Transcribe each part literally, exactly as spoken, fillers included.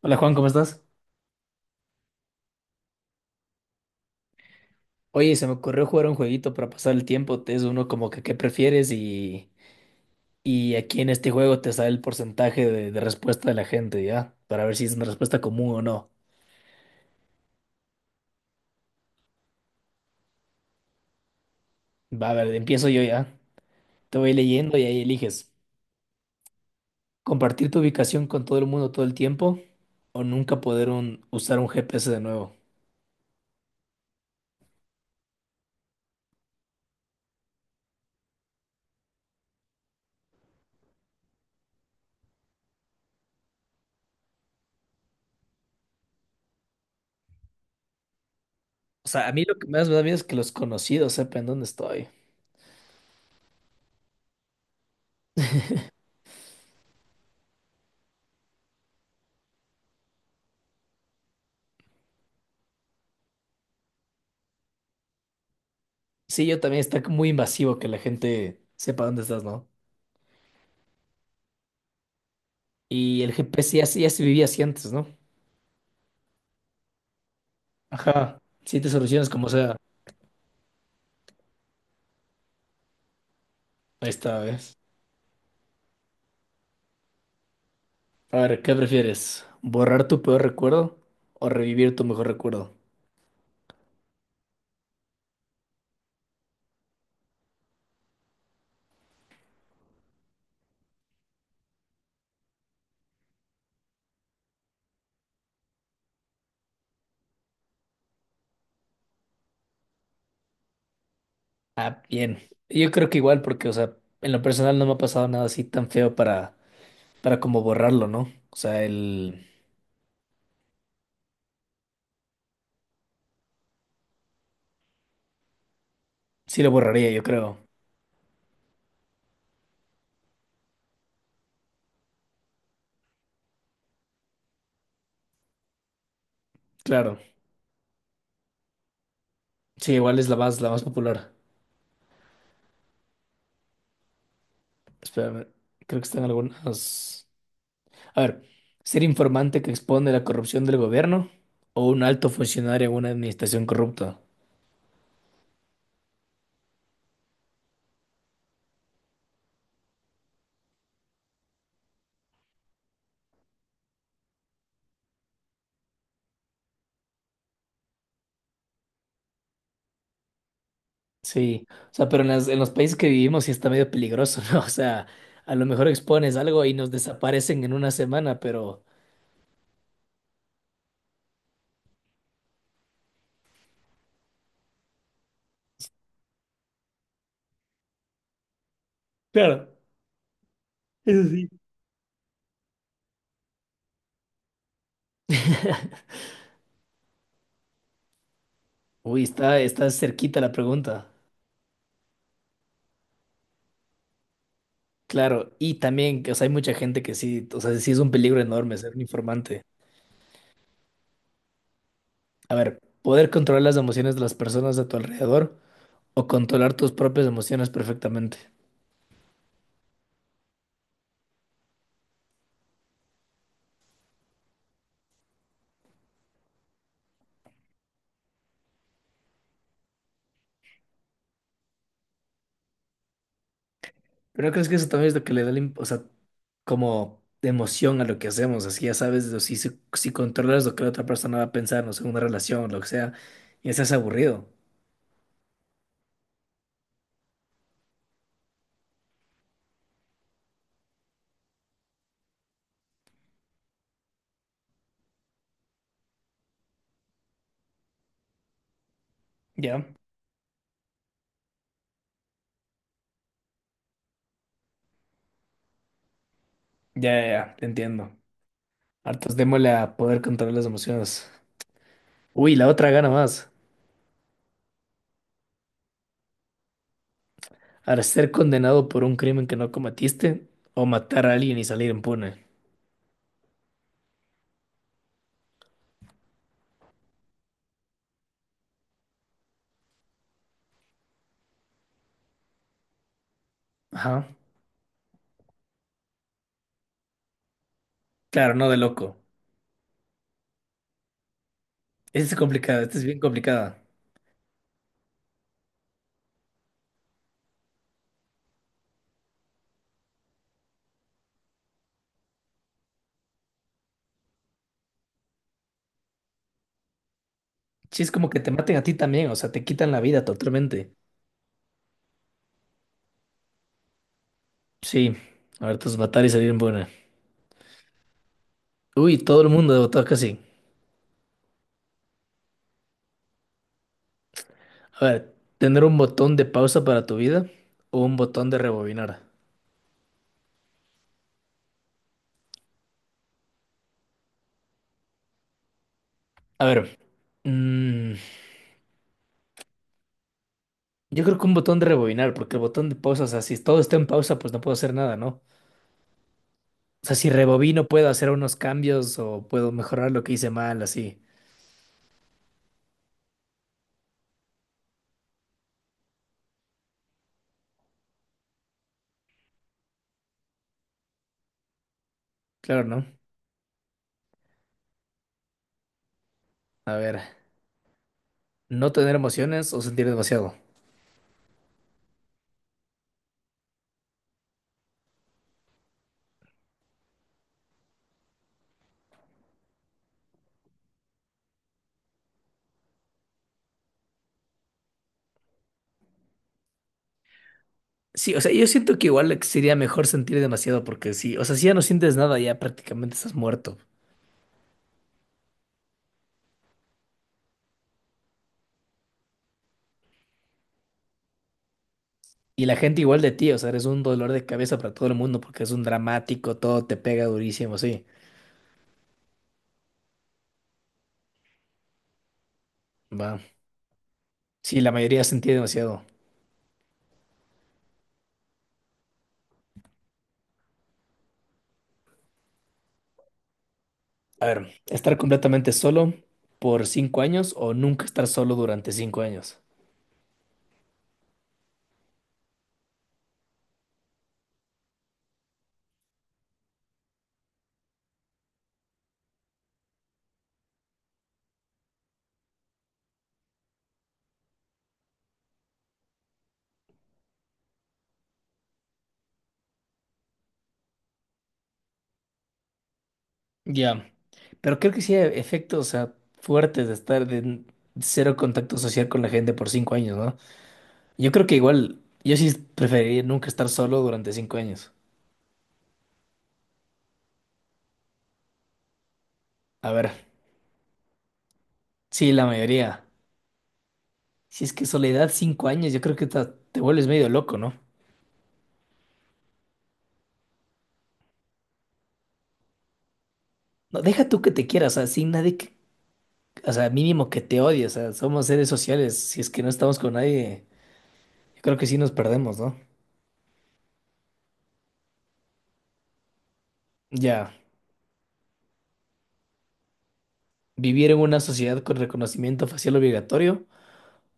Hola Juan, ¿cómo estás? Oye, se me ocurrió jugar un jueguito para pasar el tiempo. Es uno como que qué prefieres y, y aquí en este juego te sale el porcentaje de, de respuesta de la gente, ¿ya? Para ver si es una respuesta común o no. Va, a ver, empiezo yo ya. Te voy leyendo y ahí eliges. Compartir tu ubicación con todo el mundo todo el tiempo o nunca poder un- usar un G P S de nuevo. O sea, a mí lo que más me da miedo es que los conocidos sepan dónde estoy. Sí, yo también está muy invasivo que la gente sepa dónde estás, ¿no? Y el G P S ya, se- ya se vivía así antes, ¿no? Ajá, siete soluciones como sea esta vez. A ver, ¿qué prefieres? ¿Borrar tu peor recuerdo o revivir tu mejor recuerdo? Ah, bien. Yo creo que igual porque, o sea, en lo personal no me ha pasado nada así tan feo para, para como borrarlo, ¿no? O sea, el sí lo borraría, yo creo. Claro. Sí, igual es la más, la más popular. Espérame, creo que están algunas. A ver, ¿ser informante que expone la corrupción del gobierno o un alto funcionario en una administración corrupta? Sí, o sea, pero en, las- en los países que vivimos sí está medio peligroso, ¿no? O sea, a lo mejor expones algo y nos desaparecen en una semana, pero claro, eso sí. Uy, está, está cerquita la pregunta. Claro, y también, o sea, hay mucha gente que sí, o sea, sí es un peligro enorme ser un informante. A ver, poder controlar las emociones de las personas a tu alrededor o controlar tus propias emociones perfectamente. Pero ¿no crees que eso también es lo que le da, la im- o sea, como emoción a lo que hacemos, así ya sabes, o si, si, si controlas lo que la otra persona va a pensar, no sé, una relación, lo que sea, ya se hace aburrido. Ya, ya, ya, ya, te entiendo. Hartos démosle a poder controlar las emociones. Uy, la otra gana más. Al ser condenado por un crimen que no cometiste o matar a alguien y salir impune. Ajá. Claro, no de loco. Esta es complicada, esta es bien complicada. Sí, es como que te maten a ti también, o sea, te quitan la vida totalmente. Sí, a ver, tus batallas en buena. Uy, todo el mundo votó casi. A ver, ¿tener un botón de pausa para tu vida o un botón de rebobinar? A ver, mm, yo creo que un botón de rebobinar, porque el botón de pausa, o sea, si todo está en pausa, pues no puedo hacer nada, ¿no? O sea, si rebobino puedo hacer unos cambios o puedo mejorar lo que hice mal, así. Claro, ¿no? A ver, ¿no tener emociones o sentir demasiado? Sí, o sea, yo siento que igual sería mejor sentir demasiado porque sí, o sea, si ya no sientes nada, ya prácticamente estás muerto. Y la gente igual de ti, o sea, eres un dolor de cabeza para todo el mundo porque es un dramático, todo te pega durísimo, sí. Va. Sí, la mayoría sentía demasiado. A ver, estar completamente solo por cinco años o nunca estar solo durante cinco años. Ya. Pero creo que sí hay efectos, o sea, fuertes de estar de n- cero contacto social con la gente por cinco años, ¿no? Yo creo que igual, yo sí preferiría nunca estar solo durante cinco años. A ver, sí, la mayoría. Si es que soledad cinco años, yo creo que ta- te vuelves medio loco, ¿no? No, deja tú que te quieras, o sea, sin nadie que, o sea, mínimo que te odie, o sea, somos seres sociales, si es que no estamos con nadie, yo creo que sí nos perdemos, ¿no? Ya, vivir en una sociedad con reconocimiento facial obligatorio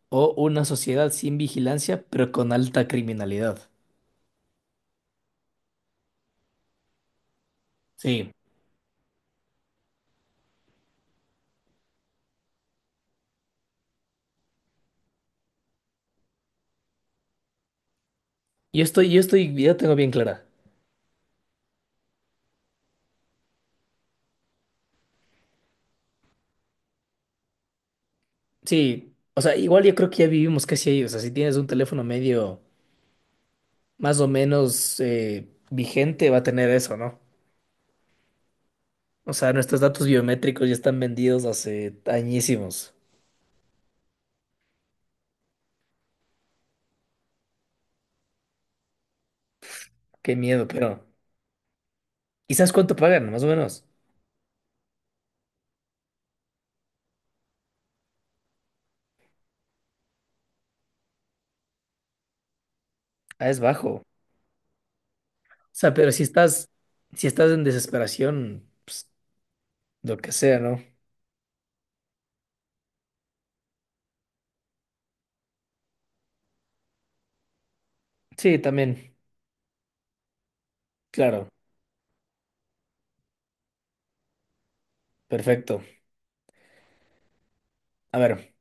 o una sociedad sin vigilancia, pero con alta criminalidad. Sí, yo estoy, yo estoy, ya tengo bien clara. Sí, o sea, igual yo creo que ya vivimos casi ahí, o sea, si tienes un teléfono medio más o menos eh, vigente, va a tener eso, ¿no? O sea, nuestros datos biométricos ya están vendidos hace añísimos. Qué miedo, pero ¿y sabes cuánto pagan? Más o menos. Ah, es bajo. O sea, pero si estás, si estás en desesperación, pues lo que sea, ¿no? Sí, también. Claro. Perfecto. A ver,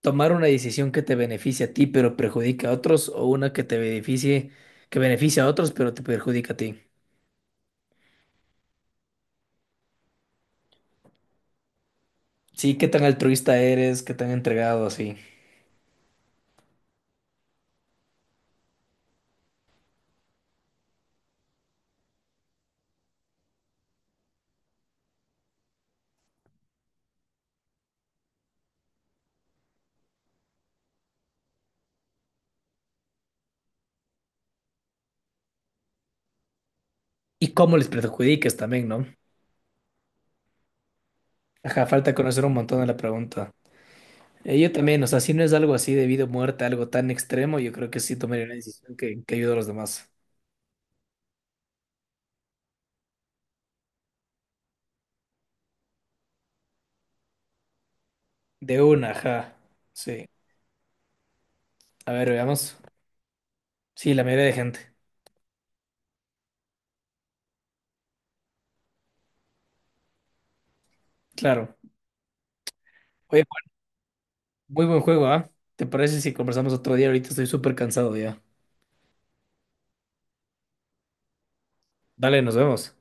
tomar una decisión que te beneficie a ti, pero perjudica a otros, o una que te beneficie, que beneficia a otros, pero te perjudica a ti. Sí, qué tan altruista eres, qué tan entregado, así. Y cómo les perjudicas también, ¿no? Ajá, falta conocer un montón de la pregunta. Eh, Yo también, o sea, si no es algo así de vida o muerte, algo tan extremo, yo creo que sí tomaría una decisión que, que ayude a los demás. De una, ajá. Sí. A ver, veamos. Sí, la mayoría de gente. Claro. Oye, muy buen juego, ¿ah? ¿Te parece si conversamos otro día? Ahorita estoy súper cansado ya. Dale, nos vemos.